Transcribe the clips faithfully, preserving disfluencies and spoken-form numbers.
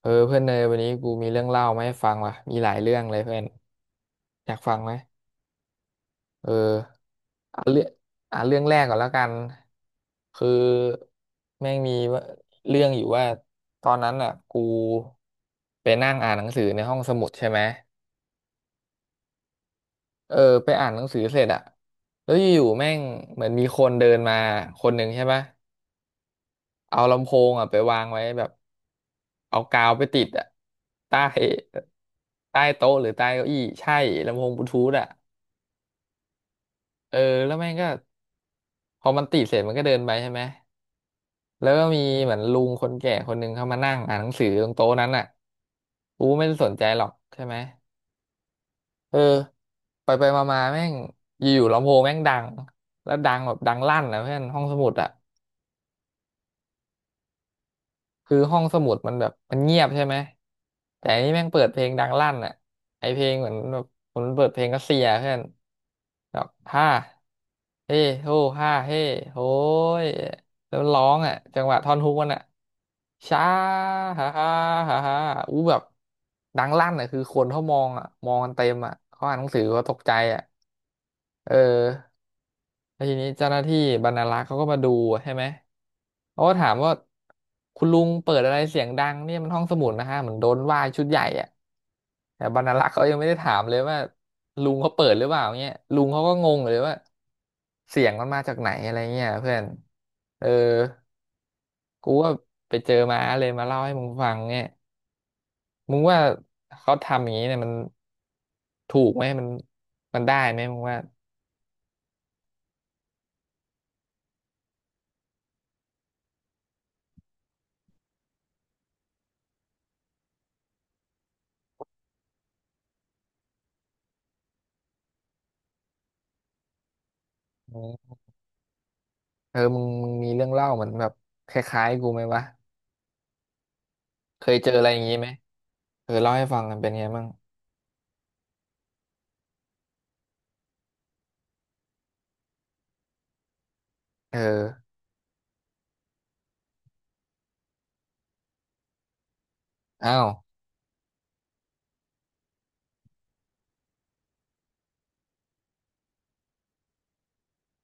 เออเพื่อนเนยวันนี้กูมีเรื่องเล่ามาให้ฟังว่ะมีหลายเรื่องเลยเพื่อนอยากฟังไหมเออเอาเรื่องเอาเรื่องแรกก่อนแล้วกันคือแม่งมีว่าเรื่องอยู่ว่าตอนนั้นอ่ะกูไปนั่งอ่านหนังสือในห้องสมุดใช่ไหมเออไปอ่านหนังสือเสร็จอ่ะแล้วอยู่ๆแม่งเหมือนมีคนเดินมาคนหนึ่งใช่ปะเอาลำโพงอ่ะไปวางไว้แบบเอากาวไปติดอ่ะใต้ใต้โต๊ะหรือใต้เก้าอี้ใช่ลำโพงบลูทูธอ่ะ เออแล้วแม่งก็พอมันติดเสร็จมันก็เดินไปใช่ไหมแล้วก็มีเหมือนลุงคนแก่คนหนึ่งเข้ามานั่งอ่านหนังสือตรงโต๊ะนั้นอ่ะกูไม่ได้สนใจหรอกใช่ไหมเออไปไปมามาแม่งอยู่ๆลำโพงแม่งดังแล้วดังแบบดังลั่นนะเพื่อนห้องสมุดอ่ะ คือห้องสมุดมันแบบมันเงียบใช่ไหมแต่อันนี้แม่งเปิดเพลงดังลั่นอ่ะไอเพลงเหมือนแบบผมเปิดเพลงรัสเซียเพื่อนแบบฮ่าเฮ้โฮฮ่าเฮ้โหยแล้วมันร้องอ่ะจังหวะท่อนฮุกมันอ่ะช้าฮ่าฮ่าฮ่าฮ่าอู้แบบดังลั่นอ่ะคือคนเขามองอ่ะมองกันเต็มอ่ะเขาอ่านหนังสือเขาตกใจอ่ะเออ แล้วทีนี้เจ้าหน้าที่บรรณารักษ์เขาก็มาดูใช่ไหมเขาก็ถามว่าคุณลุงเปิดอะไรเสียงดังเนี่ยมันห้องสมุดนะฮะเหมือนโดนว่าชุดใหญ่อะแต่บรรณารักษ์เขายังไม่ได้ถามเลยว่าลุงเขาเปิดหรือเปล่าเงี้ยลุงเขาก็งงเลยว่าเสียงมันมาจากไหนอะไรเงี้ยเพื่อนเออกูว่าไปเจอมาเลยมาเล่าให้มึงฟังเนี่ยมึงว่าเขาทำอย่างนี้เนี่ยมันถูกไหมมันมันได้ไหมมึงว่าอืมเออมึงมึงมีเรื่องเล่าเหมือนแบบคล้ายๆกูไหมวะ เคยเจออะไรอย่างนี้ไหมเออเล่าให้ฟังกันเป็นไงบ้างเอออ้าว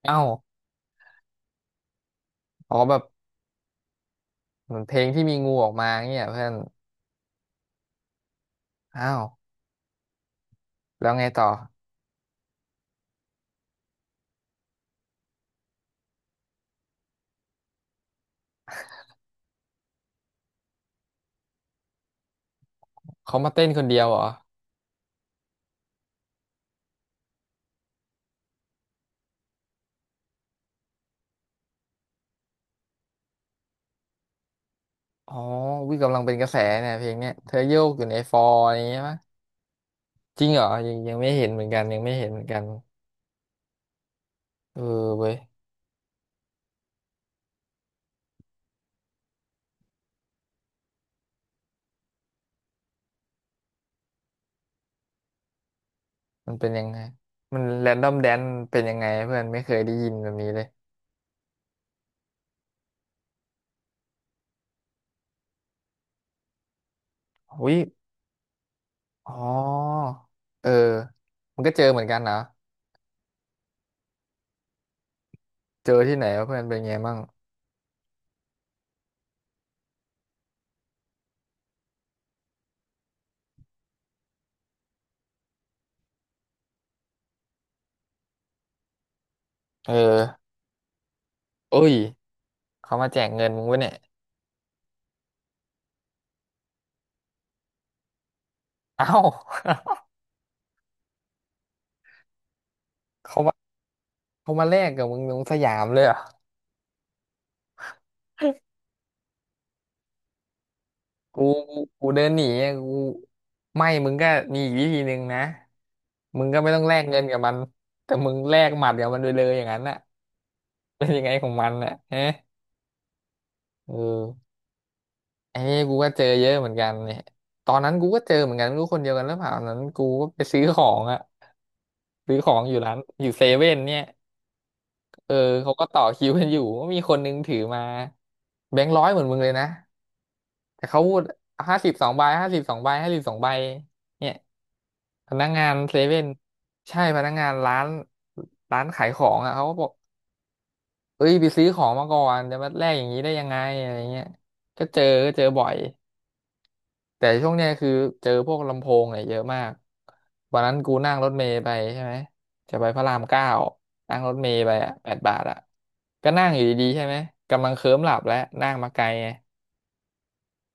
อ้าวอ๋อแบบเหมือนเพลงที่มีงูออกมาเงี้ยเพื่อนอ้าวแล้วไงต่อเขามาเต้นคนเดียวเหรออ๋อวิกำลังเป็นกระแสเนี่ยเพลงเนี้ยเธอโยกอยู่ในฟอร์อย่างเงี้ยปะจริงเหรอยังยังไม่เห็นเหมือนกันยังไม่เห็นเหมือนกันเออเว้ยมันเป็นยังไงมันแรนดอมแดนเป็นยังไงเพื่อนไม่เคยได้ยินแบบนี้เลยอุ้ยอ๋อเออมันก็เจอเหมือนกันเหรอเจอที่ไหนวะเพื่อนเป็นไงบ้างเออ เอ้ยเขามาแจกเงินมึงวะเนี่ย เอ้าเขามาเขามาแลกกับมึงตรงสยามเลยเหรอกูกูกูเดินหนีอะกูไม่มึงก็มีอีกวิธีหนึ่งนะมึงก็ไม่ต้องแลกเงินกับมันแต่มึงแลกหมัดกับมันไปเลยอย่างนั้นน่ะเป็นยังไงของมันน่ะฮะเออไอ้นี่กูก็เจอเยอะเหมือนกันเนี่ยตอนนั้นกูก็เจอเหมือนกันไม่รู้คนเดียวกันหรือเปล่าตอนนั้นกูก็ไปซื้อของอะซื้อของอยู่ร้านอยู่เซเว่นเนี่ยเออเขาก็ต่อคิวกันอยู่ก็มีคนนึงถือมาแบงค์ร้อยเหมือนมึงเลยนะ แต่เขาพูดห้าสิบสองใบห้าสิบสองใบห้าสิบสองใบเนี่ยพนักงานเซเว่นใช่พนักงานร้านร้านขายของอ่ะเขาก็บอกเอ้ยไปซื้อของมาก่อนจะมาแลกอย่างนี้ได้ยังไงอะไรเงี้ยก็เจอก็เจอบ่อยแต่ช่วงเนี้ยคือเจอพวกลำโพงเนี่ยเยอะมากวันนั้นกูนั่งรถเมล์ไปใช่ไหมจะไปพระรามเก้านั่งรถเมล์ไปอ่ะแปดบาทอ่ะก็นั่งอยู่ดีๆใช่ไหมกำลังเคลิ้มหลับแล้วนั่งมาไกลไง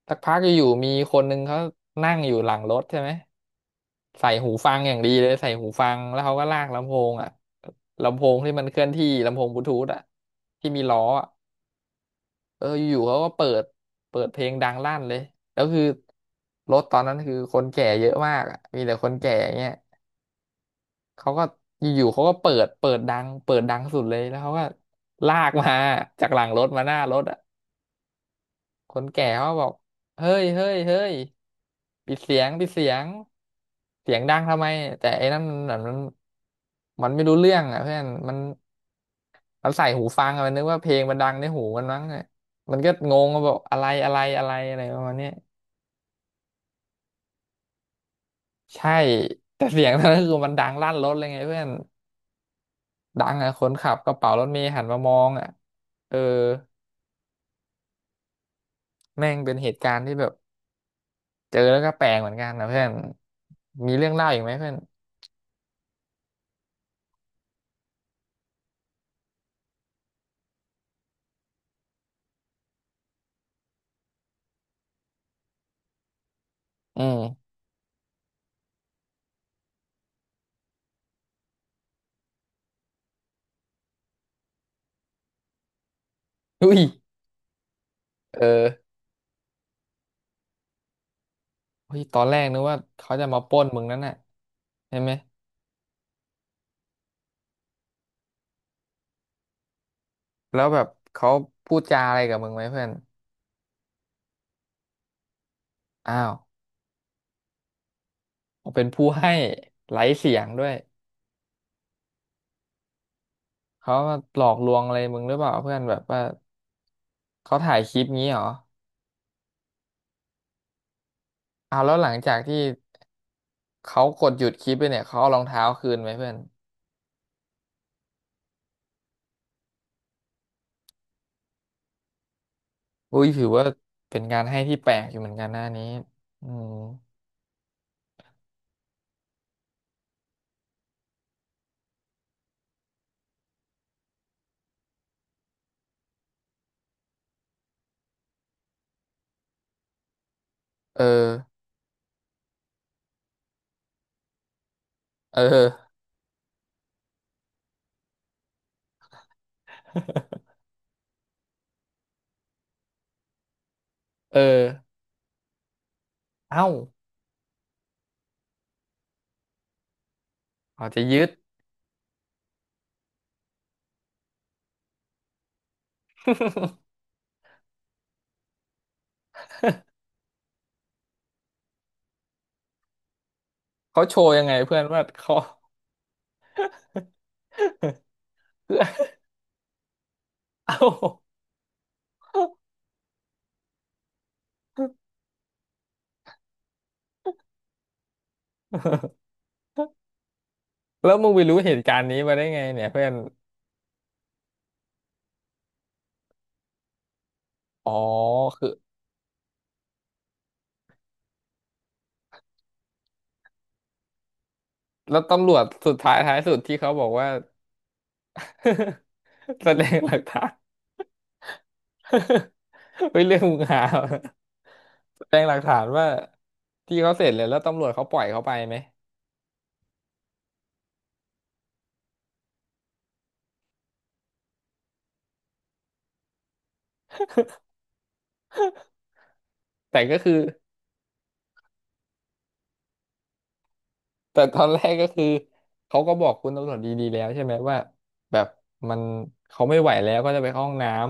สักพักอยู่ๆมีคนนึงเขานั่งอยู่หลังรถใช่ไหม ใส่หูฟังอย่างดีเลยใส่หูฟังแล้วเขาก็ลากลำโพงอ่ะลำโพงที่มันเคลื่อนที่ลำโพงบลูทูธอ่ะที่มีล้ออ่ะเอออยู่ๆเขาก็เปิดเปิดเพลงดังลั่นเลยแล้วคือรถตอนนั้นคือคนแก่เยอะมากอ่ะมีแต่คนแก่เงี้ยเขาก็อยู่ๆเขาก็เปิดเปิดดังเปิดดังสุดเลยแล้วเขาก็ลากมาจากหลังรถมาหน้ารถ คนแก่เขาบอกเฮ้ยเฮ้ยเฮ้ยปิดเสียงปิดเสียงเสียงดังทำไมแต่ไอ้นั่นมันมันมันไม่รู้เรื่องอ่ะเพื่อนมันมันใส่หูฟังอะมันนึกว่าเพลงมันดังในหูมันมั้งอะมันก็งงว่าบอกอะไรอะไรอะไรอะไรประมาณเนี้ยใช่แต่เสียงนั้นก็คือมันดังลั่นรถเลยไงเพื่อนดังอ่ะคนขับกระเป๋ารถเมล์หันมามองอ่ะเออแม่งเป็นเหตุการณ์ที่แบบเจอแล้วก็แปลกเหมือนกันนะเพื่อนมีเรื่องเล่าอีกไหมเพื่อนอืม อุ้ย เออเฮ้ยตอนแรกนึกว่าเขาจะมาปล้นมึงนั่นน่ะใช่ไหมแล้วแบบเขาพูดจาอะไรกับมึงไหมเพื่อนอ้าวเขาเป็นผู้ให้ไร้เสียงด้วยเขามาหลอกลวงอะไรมึงหรือเปล่าเพื่อนแบบว่าเขาถ่ายคลิปงี้เหรออ้าวแล้วหลังจากที่เขากดหยุดคลิปไปเนี่ยเขาเอารองเท้าคืนไหมเพื่อนอุ้ยถือว่าเป็นการให้ที่แปลกอยู่เหมือนกันหน้านี้อืมเออเออเออเอ้าเขาจะยึด เขาโชว์ยังไงเพื่อนว่าเขา เอ้า แล้วมึงไปรู้เหตุการณ์นี้มาได้ไงเนี่ยเพื่อนอ๋อคือแล้วตำรวจสุดท้ายท้ายสุดที่เขาบอกว่า แสดงหลักฐาน เฮ้ยเรื่องมึงหาเหรอแสดงหลักฐานว่าที่เขาเสร็จเลยแล้วตำรวจเขาปล่อยเขาไปไหมแต่ก็คือแต่ตอนแรกก็คือเขาก็บอกคุณตำรวจดีๆแล้วใช่ไหมว่าแบบมันเขาไม่ไหวแล้วก็จะไปเข้าห้องน้ำ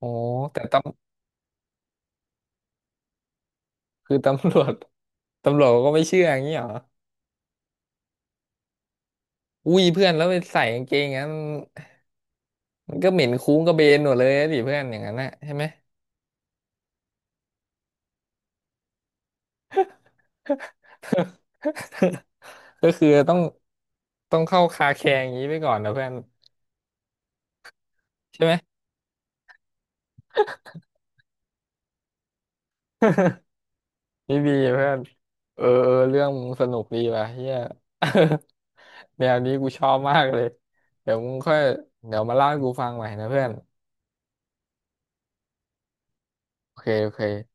อ๋อแต่ตำคือตำรวจตำรวจก็ไม่เชื่ออย่างนี้เหรอ อุ้ยเพื่อนแล้วไปใส่กางเกงอย่างนั้นมันก็เหม็นคุ้งกระเบนหมดเลยนะดิเพื่อนอย่างนั้นนะใช่ไหม ก็คือต้องต้องเข้าคาแคร์อย่างนี้ไปก่อนนะเพื่อนใช่ไหมนี่ดีเพื่อนเออเออเรื่องมึงสนุกดีว่ะเฮีย แนวนี้กูชอบมากเลยเดี๋ยวมึงค่อยเดี๋ยวมาเล่าให้กูฟังใหม่นะเพื่อนโอเคโอเค